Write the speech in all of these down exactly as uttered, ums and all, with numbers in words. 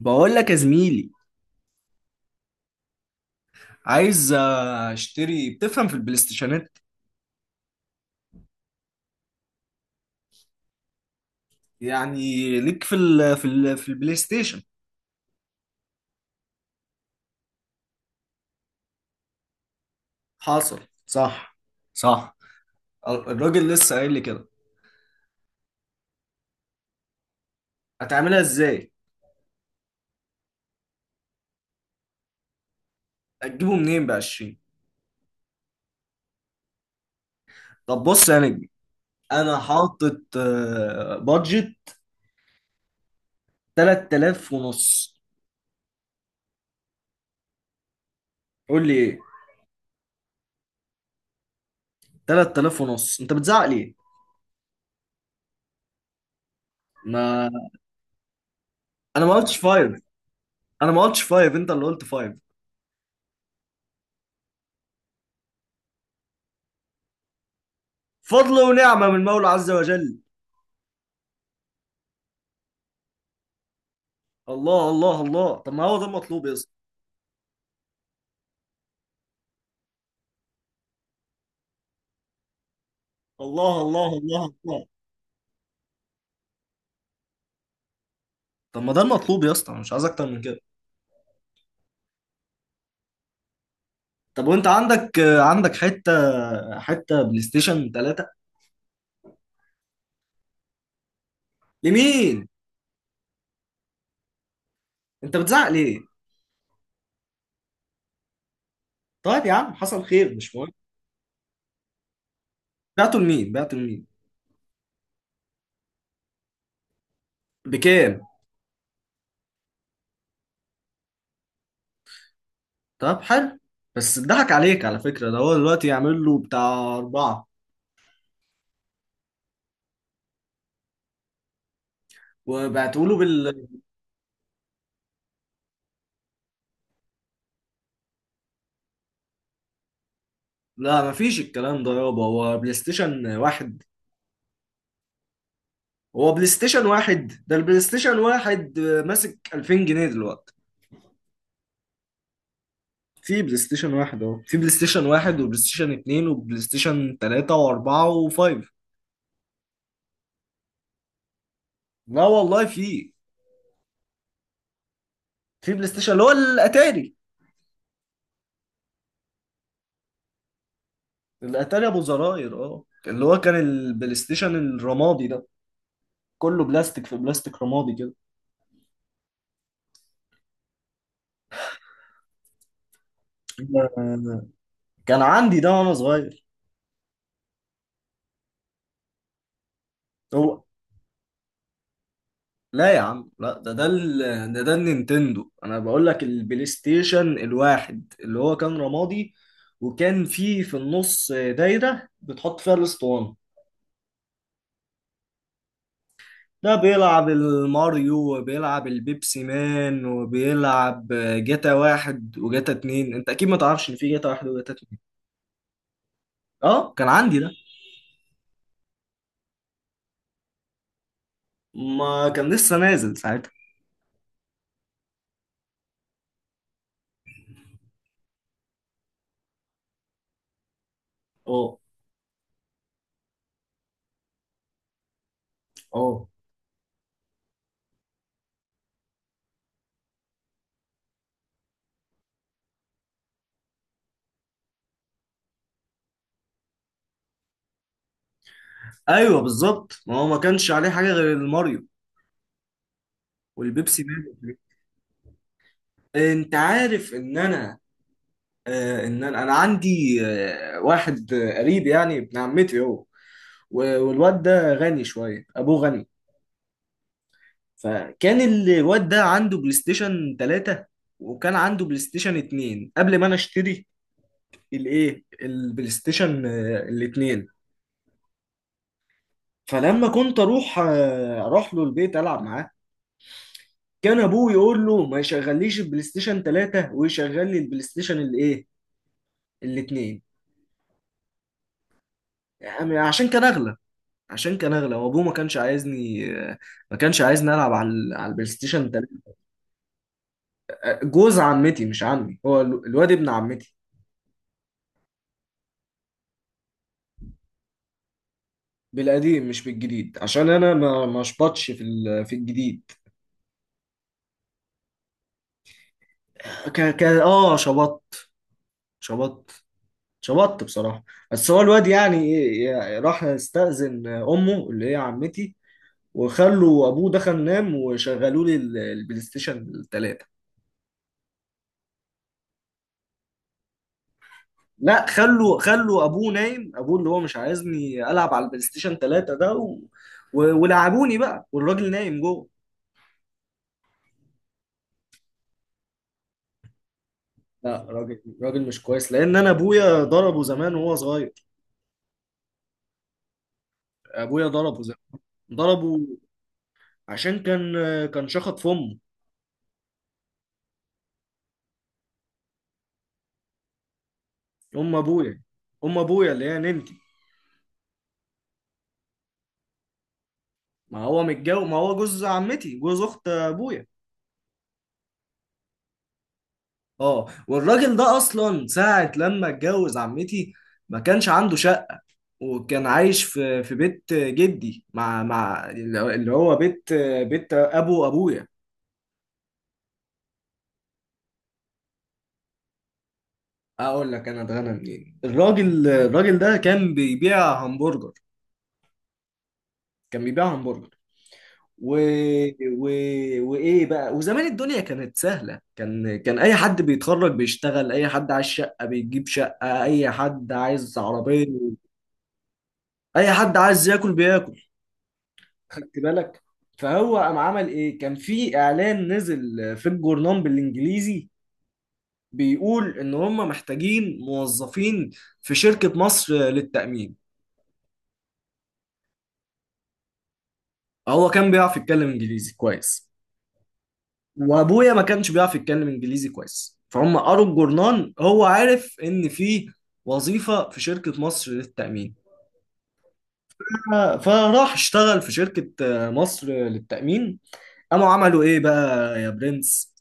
بقول لك يا زميلي، عايز آه، اشتري. بتفهم في البلاي ستيشنات؟ يعني ليك في ال في ال في البلاي ستيشن. حاصل. صح. صح. الراجل لسه قايل لي كده. هتعملها ازاي؟ هتجيبه منين ب عشرين؟ طب بص يا نجم، انا حاطط آه، بادجت تلت تلاف ونص. قول لي ايه. تلت تلاف ونص، انت بتزعق ليه؟ ما انا ما قلتش فايف. انا ما قلتش فايف، انت اللي قلت فايف. فضل ونعمة من المولى عز وجل. الله الله الله، طب ما هو ده المطلوب يا اسطى. الله الله الله الله. طب ما ده المطلوب يا اسطى، أنا مش عايز اكتر من كده. طب وانت عندك آه، عندك حته، حته بلاي ستيشن تلاتة؟ لمين؟ انت بتزعق ليه؟ طيب يا عم، حصل خير، مش مهم. بعته لمين؟ بعته لمين؟ بكام؟ طب حلو. بس اتضحك عليك على فكره، ده هو دلوقتي يعمل له بتاع اربعه. وبعتوا له بال لا، مفيش الكلام ده يابا، هو بلاي ستيشن واحد. هو بلاي ستيشن واحد، ده البلاي ستيشن واحد آه، ماسك الفين جنيه دلوقتي. في بلاي ستيشن واحد اهو. في بلاي ستيشن واحد وبلاي ستيشن اتنين وبلاي ستيشن تلاتة واربعة وفايف. لا والله في. في بلاي ستيشن اللي هو الاتاري. الاتاري ابو زراير، اه، اللي هو كان البلاي ستيشن الرمادي ده، كله بلاستيك، في بلاستيك رمادي كده. آه، كان عندي ده وانا صغير. هو لا يا عم لا، ده ده ال... ده ده النينتندو. انا بقول لك البلاي ستيشن الواحد اللي هو كان رمادي، وكان فيه في النص دايرة بتحط فيها الاسطوانة. ده بيلعب الماريو وبيلعب البيبسي مان وبيلعب جاتا واحد وجاتا اتنين. انت اكيد ما تعرفش ان في جاتا واحد وجاتا اتنين. اه كان عندي ده. ما كان لسه نازل ساعتها. اه، اه، ايوه بالظبط، ما هو ما كانش عليه حاجة غير الماريو والبيبسي مان. انت عارف ان انا، آه، ان انا أنا عندي آه، واحد آه، قريب، يعني ابن عمتي هو. و- والواد ده غني شويه، ابوه غني. فكان الواد ده عنده بلاي ستيشن تلاتة، وكان عنده بلاي ستيشن اتنين قبل ما انا اشتري الايه البلاي ستيشن الاثنين. فلما كنت اروح آه، اروح له البيت العب معاه، كان ابوه يقول له ما يشغليش البلاي ستيشن تلاتة، ويشغل لي البلاي ستيشن الايه الاثنين. عشان كان اغلى. عشان كان اغلى وابوه ما كانش عايزني. ما كانش عايزني العب على ال- على البلاي ستيشن تلاتة. جوز عمتي مش عمي، هو ال- الواد ابن عمتي. بالقديم مش بالجديد، عشان انا ما ما شبطش في ال- في الجديد. ك ك اه شبطت. شبطت. شبطت بصراحة. بس هو الواد يعني إيه، يعني راح استأذن امه اللي هي عمتي، وخلوا ابوه دخل نام وشغلوا لي ال- البلاي ستيشن تلاتة. لا، خلوا خلوا ابوه نايم، ابوه اللي هو مش عايزني العب على البلاي ستيشن تلاتة ده و... و... ولعبوني بقى والراجل نايم جوه. لا، راجل راجل مش كويس، لان انا ابويا ضربه زمان وهو صغير. ابويا ضربه زمان. ضربه عشان كان كان شخط في امه. ام ابويا. ام ابويا اللي هي ننتي. ما هو متجوز، ما هو جوز عمتي، جوز اخت ابويا. اه والراجل ده اصلا ساعة لما اتجوز عمتي ما كانش عنده شقة. وكان عايش في في بيت جدي مع مع اللي هو بيت، بيت ابو ابويا. اقول لك انا اتغنى منين. الراجل الراجل ده كان بيبيع همبرجر. كان بيبيع همبرجر و... و... وايه بقى. وزمان الدنيا كانت سهله، كان كان اي حد بيتخرج بيشتغل، اي حد عايز شقه بيجيب شقه، اي حد عايز عربيه، اي حد عايز ياكل بياكل. خدت بالك. فهو قام عمل ايه، كان في اعلان نزل في الجورنال بالانجليزي، بيقول ان هم محتاجين موظفين في شركة مصر للتأمين. هو كان بيعرف يتكلم انجليزي كويس، وابويا ما كانش بيعرف يتكلم انجليزي كويس، فهم قروا الجورنال، هو عارف ان في وظيفة في شركة مصر للتأمين. فراح اشتغل في شركة مصر للتأمين. قاموا عملوا ايه بقى يا برنس،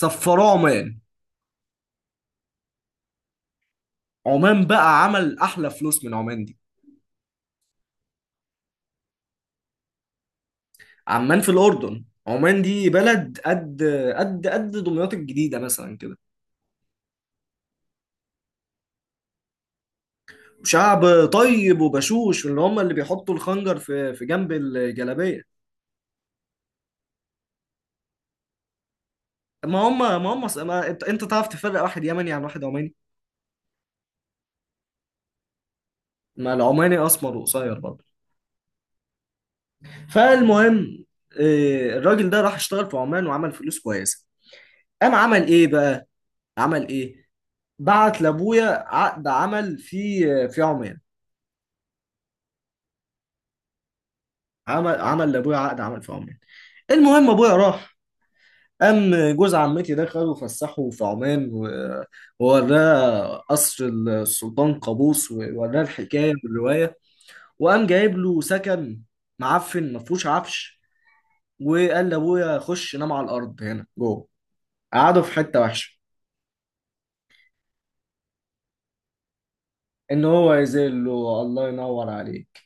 سفروه عمان. عمان بقى عمل احلى فلوس من عمان دي. عمان في الاردن، عمان دي بلد قد قد قد دمياط الجديده مثلا كده. شعب طيب وبشوش اللي هم اللي بيحطوا الخنجر في في جنب الجلابيه. ما هم، ما هم، ما انت انت تعرف تفرق واحد يمني عن واحد عماني. ما العماني اسمر وقصير برضه. فالمهم، آه، الراجل ده راح اشتغل في عمان وعمل فلوس كويسه. قام عمل ايه بقى. عمل ايه. بعت لابويا عقد عمل في في عمان. عمل عمل لابويا عقد عمل في عمان. المهم ابويا راح. قام جوز عمتي ده خده وفسحه في عمان، و- ووراه قصر السلطان قابوس ووراه الحكايه والروايه، وقام جايب له سكن معفن، ما فيهوش عفش، وقال لابويا خش نام على الارض هنا جوه، قعده في حته وحشه. ان هو يزيل له. الله ينور عليك.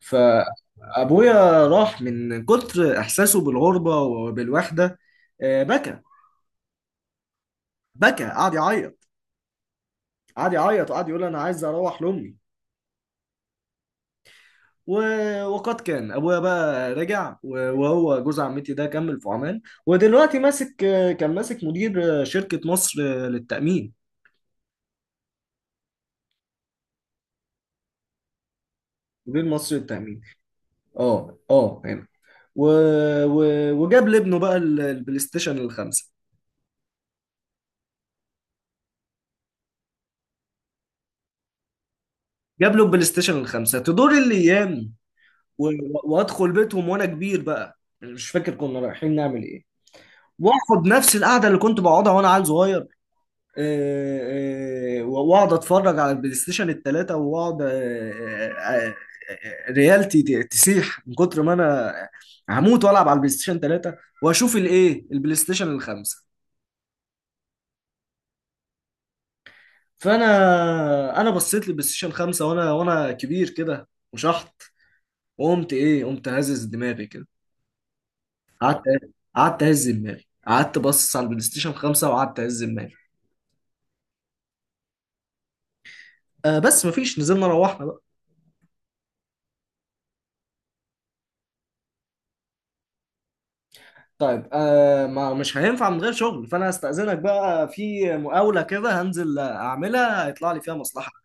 فابويا راح من كتر احساسه بالغربه وبالوحده، آه، بكى. بكى، قعد يعيط. قعد يعيط وقعد يقول انا عايز اروح لامي و... وقد كان. ابويا بقى رجع، و- وهو جوز عمتي ده كمل في عمان. ودلوقتي ماسك. كان ماسك مدير شركة مصر للتأمين. مدير مصر للتأمين. اه اه هنا و... و... وجاب لابنه بقى ال- البلاي ستيشن الخمسة. جاب له البلاي ستيشن الخمسة. تدور الايام و... وادخل بيتهم وانا كبير بقى، مش فاكر كنا رايحين نعمل ايه. واخد نفس القعدة اللي كنت بقعدها وانا عيل صغير. آه، آه، واقعد اتفرج على البلاي ستيشن الثلاثه واقعد، آه، آه، آه، آه، ريالتي ت- تسيح من كتر ما انا هموت والعب على البلاي ستيشن تلاتة واشوف الايه البلاي ستيشن الخمسه. فانا انا بصيت للبلاي ستيشن خمسة، وانا وانا كبير كده وشحط، وقمت ايه، قمت هزز دماغي كده. قعدت. قعدت اهز دماغي. قعدت بص على البلاي ستيشن خمسة وقعدت اهز دماغي. آه بس مفيش، نزلنا روحنا بقى. طيب، آه ما مش هينفع من غير شغل، فانا هستأذنك بقى في مقاولة كده هنزل اعملها هيطلع لي فيها مصلحة.